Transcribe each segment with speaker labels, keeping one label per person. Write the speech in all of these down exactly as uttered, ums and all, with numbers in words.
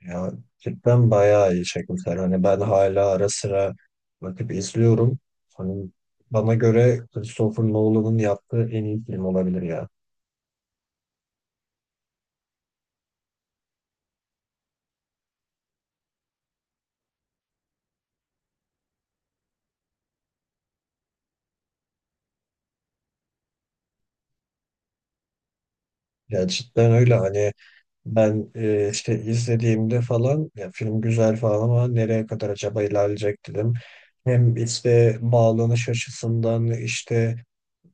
Speaker 1: Ya cidden bayağı iyi çekmişler. Hani ben hala ara sıra bakıp izliyorum. Hani bana göre Christopher Nolan'ın yaptığı en iyi film olabilir ya. Ya cidden öyle hani ben e, işte izlediğimde falan ya film güzel falan ama nereye kadar acaba ilerleyecek dedim. Hem işte bağlanış açısından işte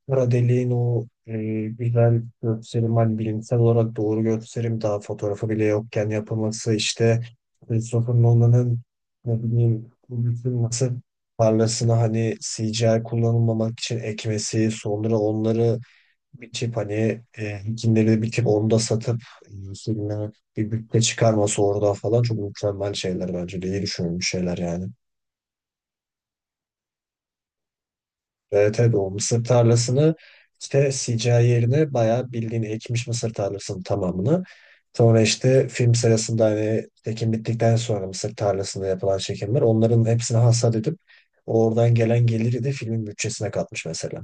Speaker 1: kara deliğin o e, güzel gösterim, hani bilimsel olarak doğru gösterim daha fotoğrafı bile yokken yapılması, işte Christopher Nolan'ın ne bileyim bu bütün nasıl parlasını hani C G I kullanılmamak için ekmesi, sonra onları biçip hani e, ikinleri biçip onu da satıp e, filme bir bütçe çıkarması orada falan çok mükemmel şeyler, bence de iyi düşünülmüş şeyler yani. Evet, tabii o mısır tarlasını işte sikaye yerine bayağı bildiğin ekmiş, mısır tarlasının tamamını. Sonra işte film sırasında hani çekim bittikten sonra mısır tarlasında yapılan çekimler, onların hepsini hasat edip oradan gelen geliri de filmin bütçesine katmış mesela.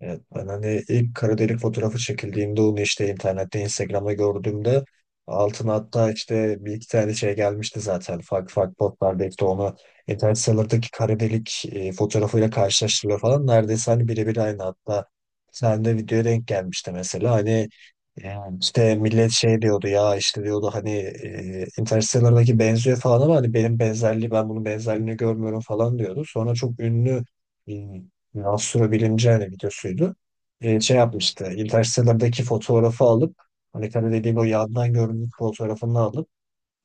Speaker 1: Evet, ben hani ilk kara delik fotoğrafı çekildiğinde onu işte internette Instagram'da gördüğümde altına hatta işte bir iki tane şey gelmişti zaten, farklı farklı botlarda işte onu internet sitelerindeki kara delik e, fotoğrafıyla karşılaştırıyor falan, neredeyse hani birebir aynı, hatta sen de videoya denk gelmişti mesela. Hani yani işte millet şey diyordu ya, işte diyordu hani e, Interstellar'daki benziyor falan, ama hani benim benzerliği ben bunun benzerliğini görmüyorum falan diyordu. Sonra çok ünlü astrobilimci hani videosuydu. Ee, şey yapmıştı. Interstellar'daki fotoğrafı alıp, hani tabii dediğim o yandan görüntü fotoğrafını alıp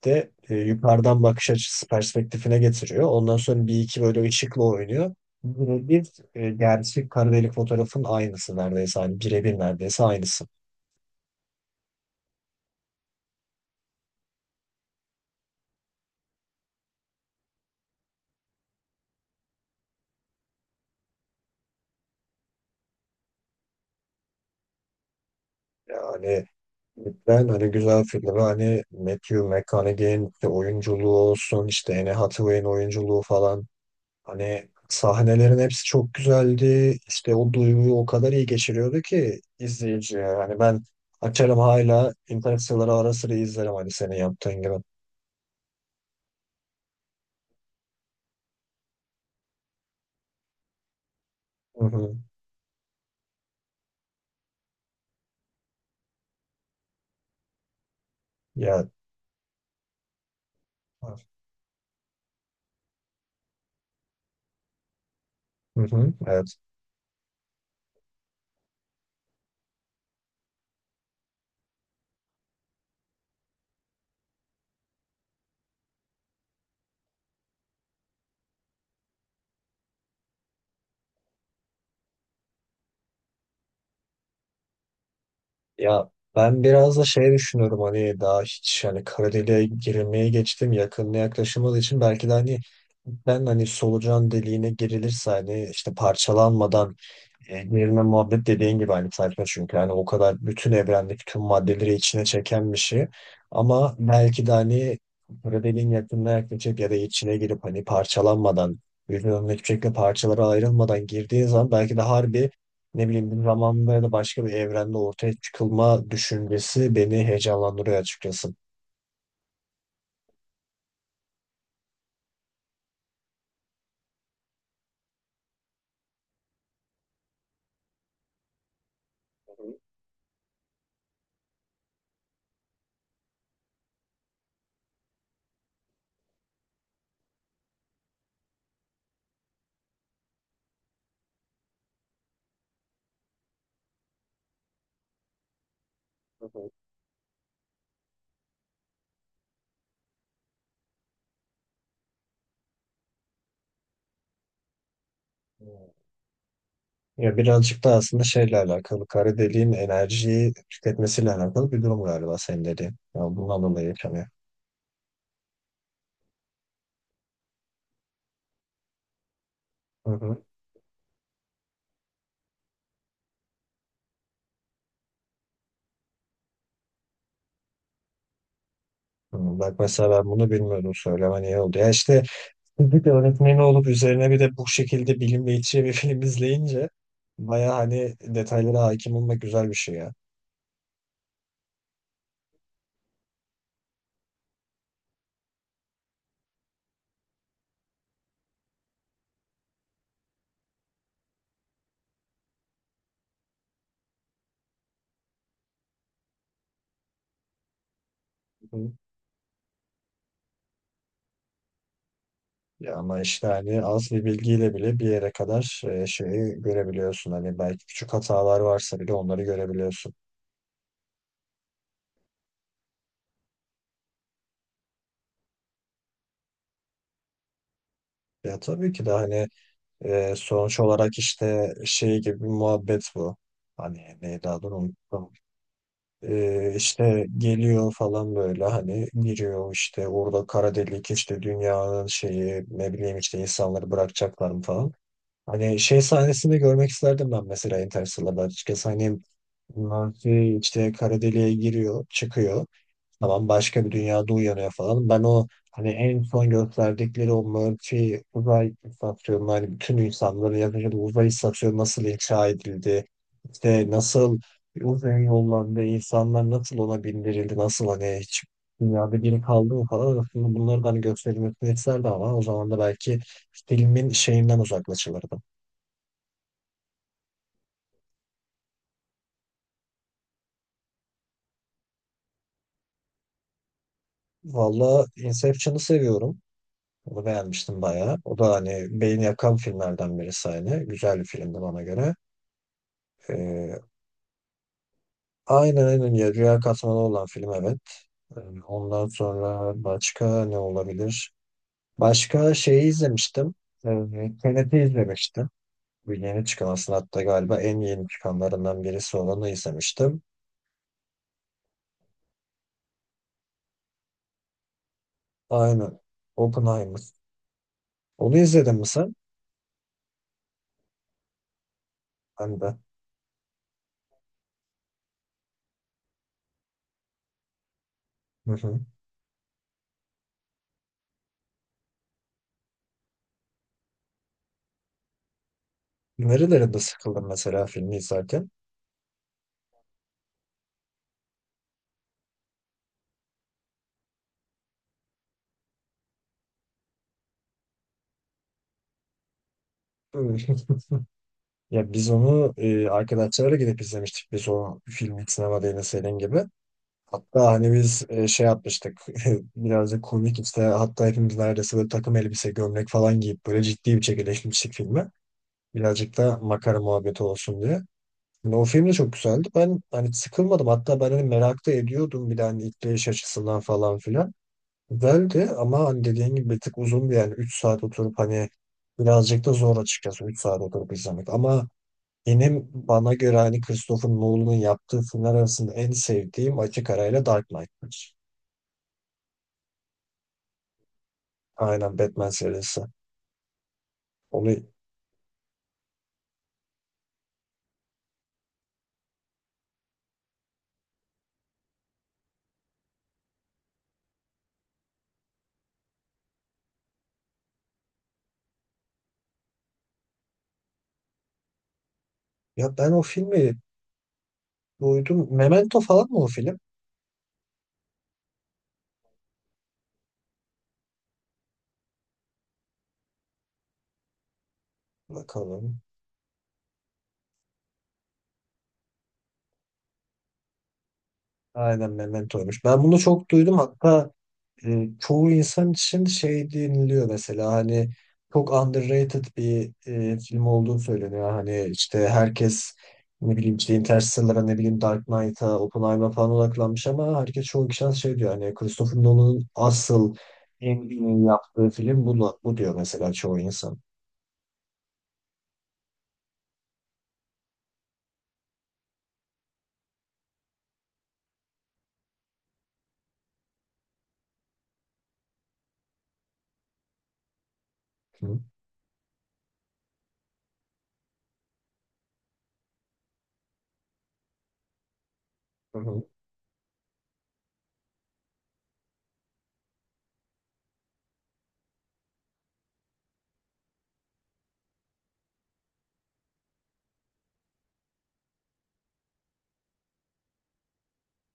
Speaker 1: de e, yukarıdan bakış açısı perspektifine getiriyor. Ondan sonra bir iki böyle ışıkla oynuyor. Bu bir e, gerçek kara delik fotoğrafın aynısı neredeyse. Hani birebir neredeyse aynısı. Yani ben hani güzel filmi, hani Matthew McConaughey'in işte oyunculuğu olsun, işte Anne Hathaway'in oyunculuğu falan, hani sahnelerin hepsi çok güzeldi. İşte o duyguyu o kadar iyi geçiriyordu ki izleyiciye. Hani ben açarım hala Interstellar'ı ara sıra izlerim, hani senin yaptığın gibi. Hı hı. Ya hı hı. Evet. Ya ben biraz da şey düşünüyorum, hani daha hiç hani kara deliğe girilmeye, geçtim yakınına yaklaşılmadığı için belki de hani, ben hani solucan deliğine girilirse hani işte parçalanmadan, evrenle muhabbet dediğin gibi aynı sayfa, çünkü yani o kadar bütün evrendeki tüm maddeleri içine çeken bir şey, ama belki de hani böyle dediğin yakınına yaklaşıp ya da içine girip hani parçalanmadan, birbirinden hiçbir şekilde parçalara ayrılmadan girdiği zaman, belki de harbi ne bileyim bir zamanda ya da başka bir evrende ortaya çıkılma düşüncesi beni heyecanlandırıyor açıkçası. Hı hı. Ya birazcık da aslında şeyle alakalı, kara deliğin enerjiyi tüketmesiyle alakalı bir durum galiba senin dediğin. Ya bundan dolayı yaşanıyor. Hı hı. Hı, bak mesela ben bunu bilmiyordum, söylemen iyi oldu. Ya işte fizik öğretmeni olup üzerine bir de bu şekilde bilim iç içe bir film izleyince, baya hani detaylara hakim olmak güzel bir şey ya. Ya ama işte hani az bir bilgiyle bile bir yere kadar e, şeyi görebiliyorsun. Hani belki küçük hatalar varsa bile onları görebiliyorsun. Ya tabii ki de hani e, sonuç olarak işte şey gibi bir muhabbet bu. Hani neydi adını unuttum. E, işte geliyor falan böyle, hani giriyor işte orada kara delik, işte dünyanın şeyi ne bileyim, işte insanları bırakacaklar mı falan. Hani şey sahnesini görmek isterdim ben mesela Interstellar'da açıkçası. Hani bunlar şey işte kara deliğe giriyor, çıkıyor. Tamam başka bir dünyada uyanıyor falan. Ben o hani en son gösterdikleri o Murphy uzay istasyonu, hani bütün insanların yaşadığı uzay istasyonu nasıl inşa edildi? İşte nasıl uzay yollarında insanlar nasıl ona bindirildi? Nasıl hani hiç dünyada biri kaldı mı falan. Aslında bunları da hani gösterilmesini isterdi, ama o zaman da belki filmin şeyinden uzaklaşılırdı. Valla Inception'ı seviyorum. Onu beğenmiştim bayağı. O da hani beyin yakan filmlerden birisi hani. Güzel bir filmdi bana göre. Ee, aynen aynen ya, Rüya Katmanı olan film, evet. Ee, Ondan sonra başka ne olabilir? Başka şeyi izlemiştim. Ee, Tenet'i izlemiştim. Bu yeni çıkan, aslında hatta galiba en yeni çıkanlarından birisi olanı izlemiştim. Aynen. Oppenheimer. Onu izledin mi sen? Ben de. Hı hı. Nerelerinde sıkıldın mesela filmi izlerken? Ya biz onu e, arkadaşlarla gidip izlemiştik. Biz o filmi sinemada, yine senin gibi. Hatta hani biz e, şey yapmıştık. Birazcık komik işte. Hatta hepimiz neredeyse böyle takım elbise, gömlek falan giyip böyle ciddi bir şekilde işlemiştik filmi. Birazcık da makara muhabbeti olsun diye. Yani o film de çok güzeldi. Ben hani sıkılmadım. Hatta ben hani merak da ediyordum, bir de hani işleyiş açısından falan filan. Güzeldi ama hani dediğin gibi bir tık uzundu, yani üç saat oturup hani, birazcık da zor açıkçası üç saat oturup izlemek. Ama benim bana göre hani Christopher Nolan'ın yaptığı filmler arasında en sevdiğim açık arayla Dark Knight'tır. Aynen, Batman serisi. Onu, ya ben o filmi duydum. Memento falan mı o film? Bakalım. Aynen, Memento'ymuş. Ben bunu çok duydum. Hatta e, çoğu insan için şey deniliyor mesela, hani çok underrated bir e, film olduğu söyleniyor. Hani işte herkes ne bileyim işte Interstellar'a, ne bileyim Dark Knight'a, Oppenheimer'a falan odaklanmış, ama herkes, çoğu kişi şey diyor, hani Christopher Nolan'ın asıl en iyi yaptığı film bu, bu diyor mesela çoğu insan. Hı. Hı hı.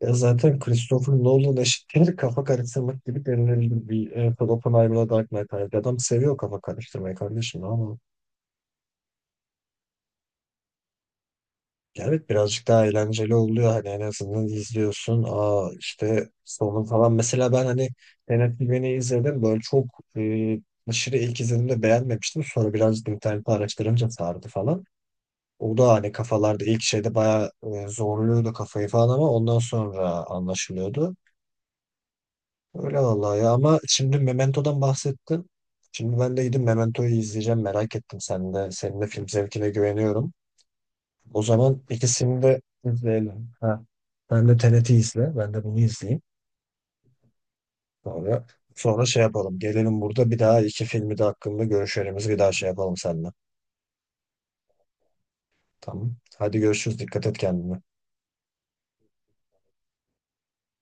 Speaker 1: Ya zaten Christopher Nolan eşittir kafa karıştırmak gibi denilebilir, bir e, Oppenheimer'la Dark Knight Rises. Adam seviyor kafa karıştırmayı kardeşim ama, ya evet birazcık daha eğlenceli oluyor, hani en azından izliyorsun. Aa işte sonu falan, mesela ben hani Tenet izledim böyle çok e, aşırı, ilk izlediğimde beğenmemiştim, sonra birazcık internette araştırınca sardı falan. O da hani kafalarda ilk şeyde bayağı e, zorluyordu kafayı falan, ama ondan sonra anlaşılıyordu. Öyle vallahi ya, ama şimdi Memento'dan bahsettin. Şimdi ben de gidip Memento'yu izleyeceğim, merak ettim, sen de. Senin de film zevkine güveniyorum. O zaman ikisini de izleyelim. Ha. Sen de T R T izle. Ben de bunu izleyeyim. Sonra sonra şey yapalım. Gelelim burada bir daha, iki filmi de hakkında görüşlerimizi bir daha şey yapalım seninle. Tamam. Hadi görüşürüz. Dikkat et kendine.